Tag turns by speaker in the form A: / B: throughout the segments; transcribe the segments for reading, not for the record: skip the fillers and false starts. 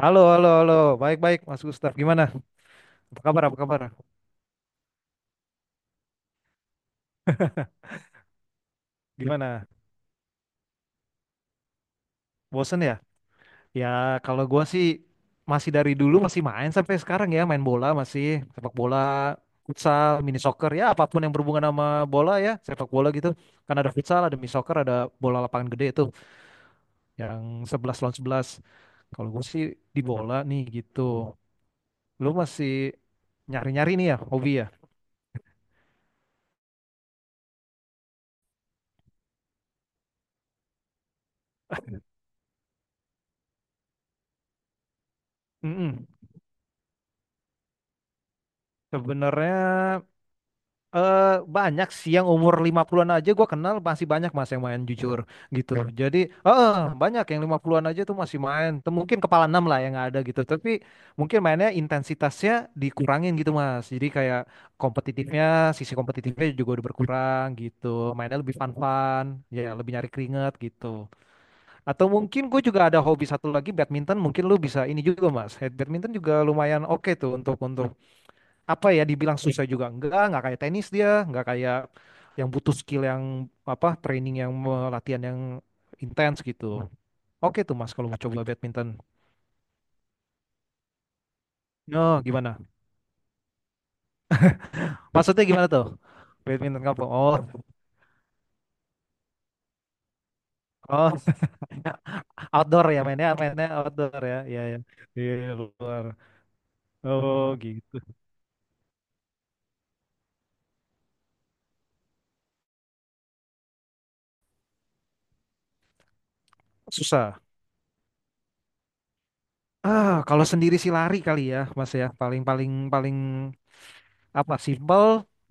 A: Halo, halo, halo. Baik, baik, Mas Gustaf. Gimana? Apa kabar? Apa kabar? Gimana? Bosen ya? Ya, kalau gua sih masih dari dulu masih main sampai sekarang ya, main bola masih sepak bola, futsal, mini soccer ya, apapun yang berhubungan sama bola ya, sepak bola gitu. Kan ada futsal, ada mini soccer, ada bola lapangan gede itu yang 11 lawan 11. Kalau gua sih di bola nih gitu. Lu masih nyari-nyari nih ya hobi ya? Mm. Sebenarnya Eh, banyak sih yang umur 50-an aja gua kenal masih banyak mas yang main jujur gitu. Hmm. Jadi banyak yang 50-an aja tuh masih main. Tuh mungkin kepala enam lah yang ada gitu. Tapi mungkin mainnya intensitasnya dikurangin gitu mas. Jadi kayak kompetitifnya, sisi kompetitifnya juga udah berkurang gitu. Mainnya lebih fun-fun, ya lebih nyari keringat gitu. Atau mungkin gue juga ada hobi satu lagi badminton. Mungkin lu bisa ini juga mas. Head badminton juga lumayan oke tuh untuk apa ya dibilang susah juga enggak, nggak kayak tenis, dia nggak kayak yang butuh skill yang apa training yang latihan yang intens gitu. Oke tuh mas kalau mau coba badminton. No, gimana, maksudnya gimana tuh badminton kampung? Oh, oh. Outdoor ya, mainnya, mainnya outdoor ya, ya, ya. Iya, iya, luar. Oh gitu. Susah. Ah, kalau sendiri sih lari kali ya mas ya, paling, paling, paling apa, simple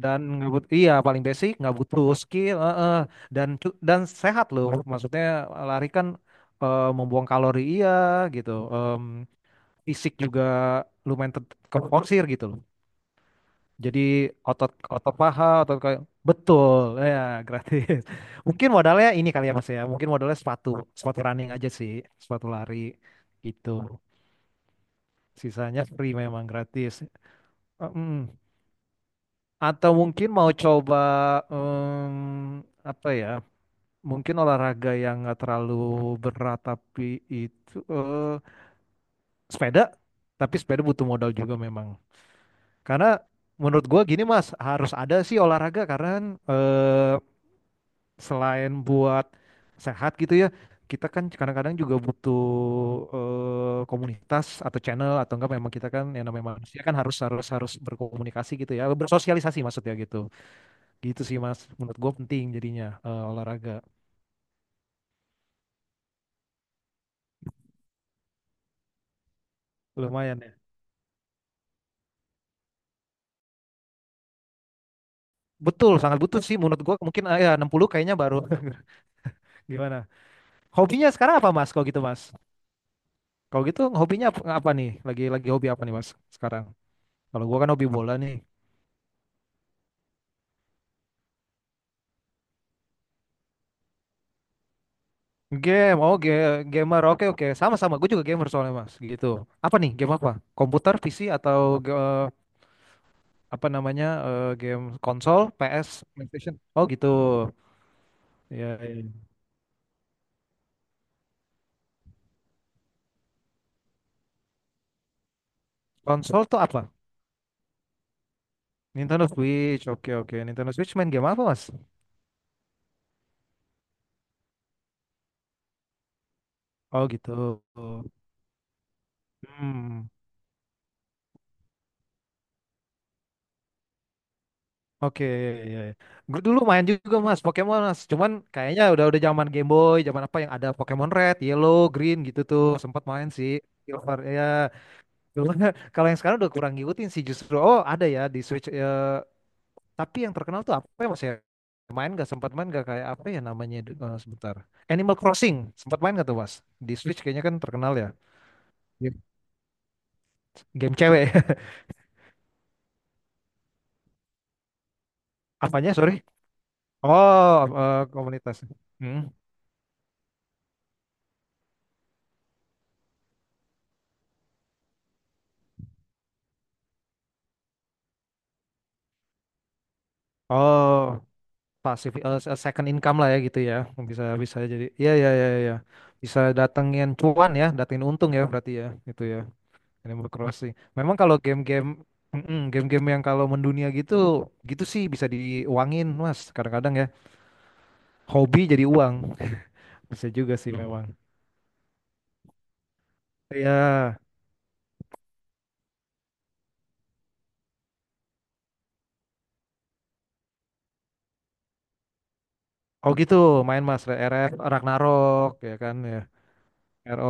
A: dan nggak iya paling basic, nggak butuh skill, heeh. Dan dan sehat loh, maksudnya lari kan membuang kalori, iya gitu. Fisik juga lumayan terporsir gitu loh. Jadi otot, otot paha, otot kayak, betul, ya gratis. Mungkin modalnya ini kali ya mas ya, mungkin modalnya sepatu, sepatu running aja sih, sepatu lari gitu, sisanya free, memang gratis. Eh, mm. Atau mungkin mau coba em, apa ya? Mungkin olahraga yang nggak terlalu berat tapi itu sepeda. Tapi sepeda butuh modal juga memang. Karena menurut gua gini Mas, harus ada sih olahraga karena kan, eh, selain buat sehat gitu ya, kita kan kadang-kadang juga butuh komunitas atau channel atau enggak, memang kita kan yang namanya manusia kan harus harus harus berkomunikasi gitu ya, bersosialisasi maksudnya gitu. Gitu sih Mas, menurut gue penting jadinya olahraga. Lumayan ya. Betul, sangat butuh sih menurut gue. Mungkin ya 60 kayaknya baru gimana. Hobinya sekarang apa Mas? Kalau gitu Mas. Kalau gitu hobinya apa, apa nih? Lagi hobi apa nih Mas sekarang? Kalau gue kan hobi bola nih. Game, oh gamer, oke oke, sama-sama. Gue juga gamer soalnya mas, gitu. Apa nih game apa? Komputer, PC atau ge- eh, apa namanya game konsol, PS, PlayStation? Oh gitu. Ya, ya. Konsol tuh apa? Nintendo Switch, oke oke. Nintendo Switch main game apa mas? Oh gitu. Hmm, oke. Iya, iya. Gue dulu main juga mas Pokemon mas. Cuman kayaknya udah zaman Game Boy, zaman apa yang ada Pokemon Red, Yellow, Green gitu tuh. Sempat main sih. Silver ya. Cuman kalau yang sekarang udah kurang ngikutin sih justru. Oh ada ya di Switch, ya. Tapi yang terkenal tuh apa ya mas ya? Main gak, sempat main gak kayak apa ya namanya, sebentar. Animal Crossing sempat main gak tuh mas? Di Switch kayaknya kan terkenal ya. Game, game cewek. Apanya, sorry? Oh, eh, komunitas. Hmm. Oh, pasif, second income lah ya gitu ya. Bisa, bisa jadi. Iya iya iya iya. Bisa datengin cuan ya, datengin untung ya berarti ya. Itu ya. Animal Crossing. Memang kalau game-game, mm-mm, game-game yang kalau mendunia gitu, gitu sih bisa diuangin, Mas. Kadang-kadang ya hobi jadi uang. Bisa juga sih memang. Iya. Oh gitu, main Mas RF, Ragnarok ya kan ya. RO.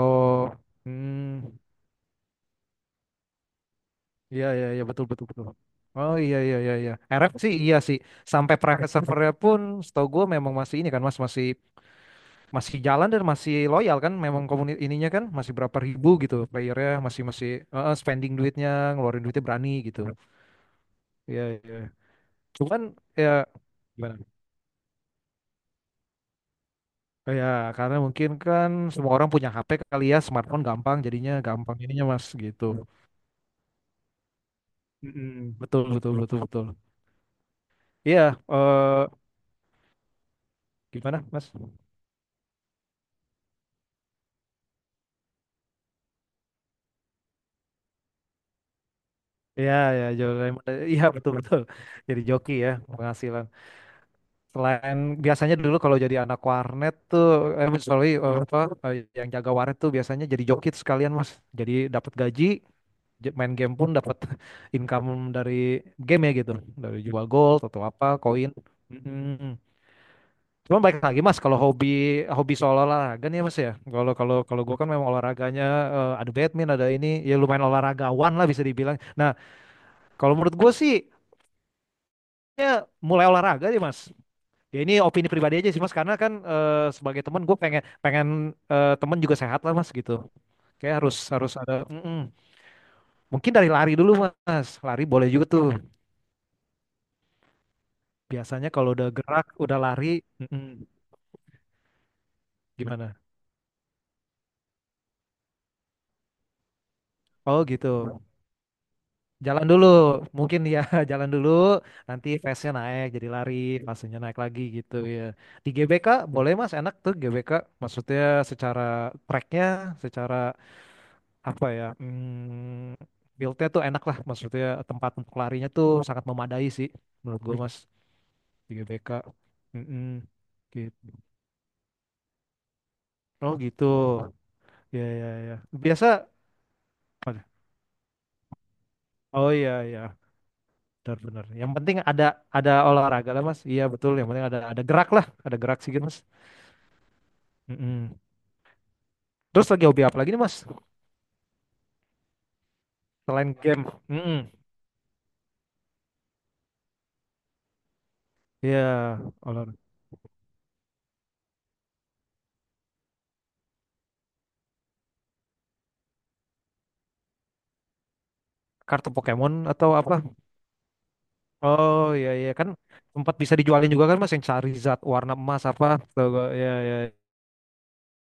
A: Hmm. Iya iya iya, betul betul betul. Oh iya iya iya iya. RF sih iya sih. Sampai private servernya pun setahu gue memang masih ini kan Mas, masih, masih jalan dan masih loyal kan, memang komunitas ininya kan masih berapa ribu gitu playernya, masih, masih spending duitnya, ngeluarin duitnya berani gitu. Iya iya. Cuman ya gimana? Ya karena mungkin kan semua orang punya HP kali ya, smartphone, gampang jadinya, gampang ininya Mas gitu. Mm-mm. Betul betul betul betul. Iya, eh gimana Mas? Iya, ya, jual remote. Iya, betul betul. Jadi joki ya, penghasilan. Selain biasanya dulu kalau jadi anak warnet tuh, Mas, sorry, eh, yang jaga warnet tuh biasanya jadi joki tuh sekalian mas. Jadi dapat gaji, main game pun dapat income dari game ya gitu, dari jual gold atau apa, koin. Mm-mm. Cuman baik lagi mas, kalau hobi hobi soal olahraga nih ya, mas ya. Kalau kalau kalau gue kan memang olahraganya ada badminton, ada ini, ya lumayan olahragawan lah bisa dibilang. Nah, kalau menurut gue sih kayaknya mulai olahraga sih mas, ya ini opini pribadi aja sih mas, karena kan sebagai teman gue pengen pengen eh, teman juga sehat lah mas gitu, kayak harus harus ada. Mm-mm. Mungkin dari lari dulu mas, lari boleh juga tuh, biasanya kalau udah gerak, udah lari, mm-mm, gimana. Oh gitu. Jalan dulu mungkin ya, jalan dulu nanti pace-nya naik jadi lari, pace-nya naik lagi gitu ya. Di GBK boleh mas, enak tuh GBK, maksudnya secara tracknya, secara apa ya, hmm, build-nya tuh enak lah, maksudnya tempat untuk larinya tuh sangat memadai sih menurut gue mas, di GBK. Mm-mm. Gitu. Oh gitu, ya ya ya, biasa. Waduh. Oh iya iya, benar benar, yang penting ada olahraga lah mas, iya betul, yang penting ada gerak lah, ada gerak sih gitu, mas. Mm-mm. Terus lagi hobi apa lagi nih mas, selain game. Mm-mm. Iya, olahraga, kartu Pokemon atau apa? Oh iya iya kan, tempat bisa dijualin juga kan Mas, yang Charizard warna emas apa atau, ya ya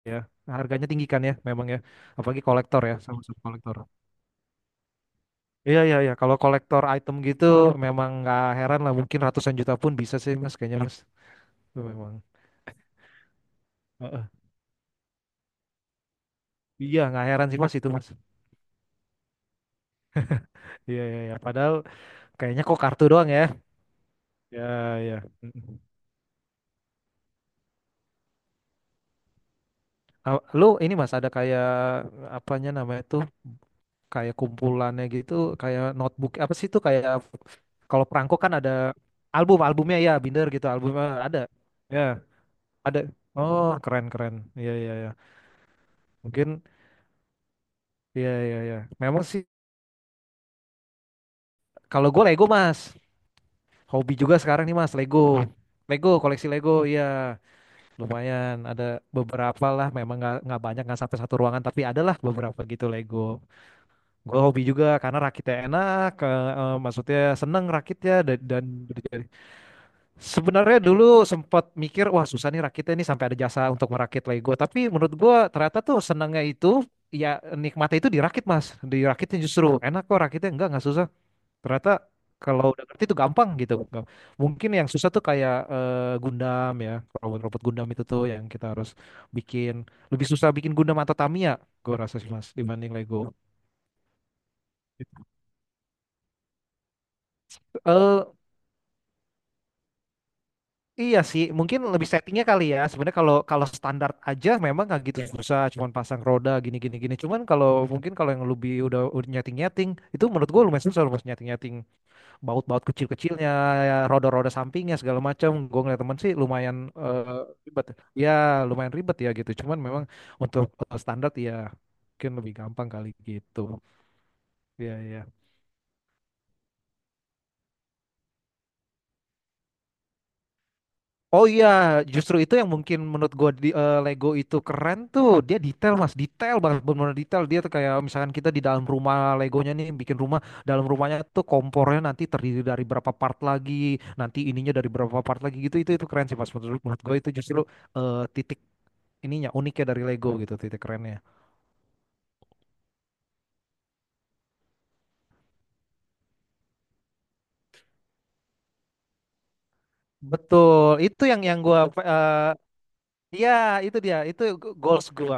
A: ya, harganya tinggi kan ya memang ya, apalagi kolektor ya, sama sama kolektor. Iya iya iya, kalau kolektor item gitu memang nggak heran lah, mungkin ratusan juta pun bisa sih Mas kayaknya Mas. Itu memang. Heeh. Iya nggak heran sih Mas itu Mas. Iya iya iya, padahal kayaknya kok kartu doang ya. Ya, ya. Mm-mm. Ah, Lu ini Mas ada kayak apanya namanya tuh, kayak kumpulannya gitu, kayak notebook apa sih itu kayak. Kalau perangko kan ada album, albumnya ya, Binder gitu, albumnya ada. Ya, ada. Oh, keren keren. Iya iya iya. Mungkin iya iya iya. Memang sih kalau gue Lego, Mas. Hobi juga sekarang nih, Mas, Lego. Lego, koleksi Lego, iya. Lumayan ada beberapa lah, memang nggak banyak, nggak sampai satu ruangan, tapi ada lah beberapa gitu Lego. Gue hobi juga karena rakitnya enak, ke, maksudnya seneng rakitnya dan, dan. Sebenarnya dulu sempat mikir, wah susah nih rakitnya nih sampai ada jasa untuk merakit Lego. Tapi menurut gue ternyata tuh senangnya itu, ya nikmatnya itu dirakit mas. Dirakitnya justru enak kok rakitnya, enggak susah. Ternyata kalau udah ngerti itu gampang gitu. Mungkin yang susah tuh kayak Gundam ya, robot-robot Gundam itu tuh yang kita harus bikin. Lebih susah bikin Gundam atau Tamiya, gue rasa sih mas, dibanding Lego. Eh Iya sih, mungkin lebih settingnya kali ya. Sebenarnya kalau kalau standar aja memang nggak gitu ya, susah, cuman pasang roda gini gini gini. Cuman kalau mungkin kalau yang lebih udah nyeting nyeting, itu menurut gue lumayan susah, lumayan nyeting nyeting baut baut kecil kecilnya, ya, roda-roda sampingnya segala macam. Gue ngeliat temen sih lumayan eh, ribet. Ya lumayan ribet ya gitu. Cuman memang untuk standar ya mungkin lebih gampang kali gitu. Iya iya. Oh iya, justru itu yang mungkin menurut gue di Lego itu keren tuh. Dia detail mas, detail banget, benar-benar detail. Dia tuh kayak misalkan kita di dalam rumah Legonya nih, bikin rumah, dalam rumahnya tuh kompornya nanti terdiri dari berapa part lagi, nanti ininya dari berapa part lagi gitu. Itu keren sih mas. Menurut, menurut gue itu justru titik ininya, uniknya dari Lego gitu, titik kerennya. Betul, itu yang gue, iya itu dia, itu goals gue.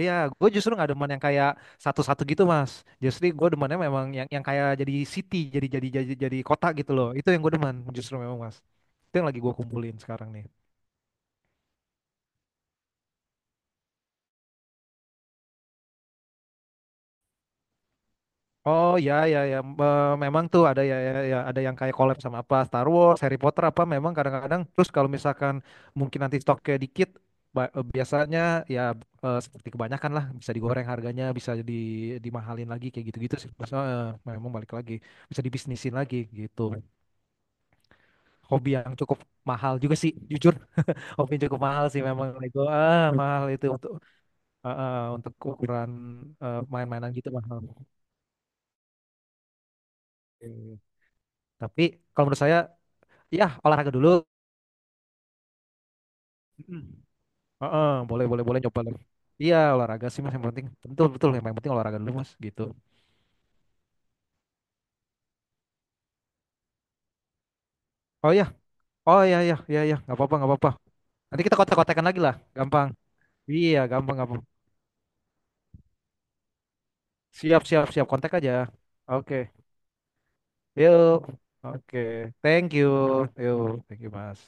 A: Iya, gue justru nggak demen yang kayak satu-satu gitu, Mas. Justru gue demennya memang yang kayak jadi city, jadi kota gitu loh. Itu yang gue demen justru memang, Mas. Itu yang lagi gue kumpulin sekarang nih. Oh ya ya ya, memang tuh ada ya, ya ya, ada yang kayak collab sama apa Star Wars, Harry Potter apa memang kadang-kadang. Terus kalau misalkan mungkin nanti stoknya dikit, biasanya ya seperti kebanyakan lah bisa digoreng harganya, bisa di, dimahalin lagi kayak gitu-gitu sih. Mas. Memang balik lagi bisa dibisnisin lagi gitu. Hobi yang cukup mahal juga sih jujur. Hobi yang cukup mahal sih memang itu, ah mahal itu untuk, untuk ukuran main-mainan gitu mahal. Oke. Tapi kalau menurut saya ya olahraga dulu. Mm. Heeh, boleh boleh boleh coba lagi, iya olahraga sih mas yang penting, betul betul, yang paling penting olahraga dulu mas gitu. Oh ya, oh ya ya ya ya, nggak apa-apa nggak apa-apa, nanti kita kontak-kontakan lagi lah, gampang, iya gampang gampang, siap siap siap, kontak aja. Oke, yuk. Oke, thank you, yuk, thank you mas.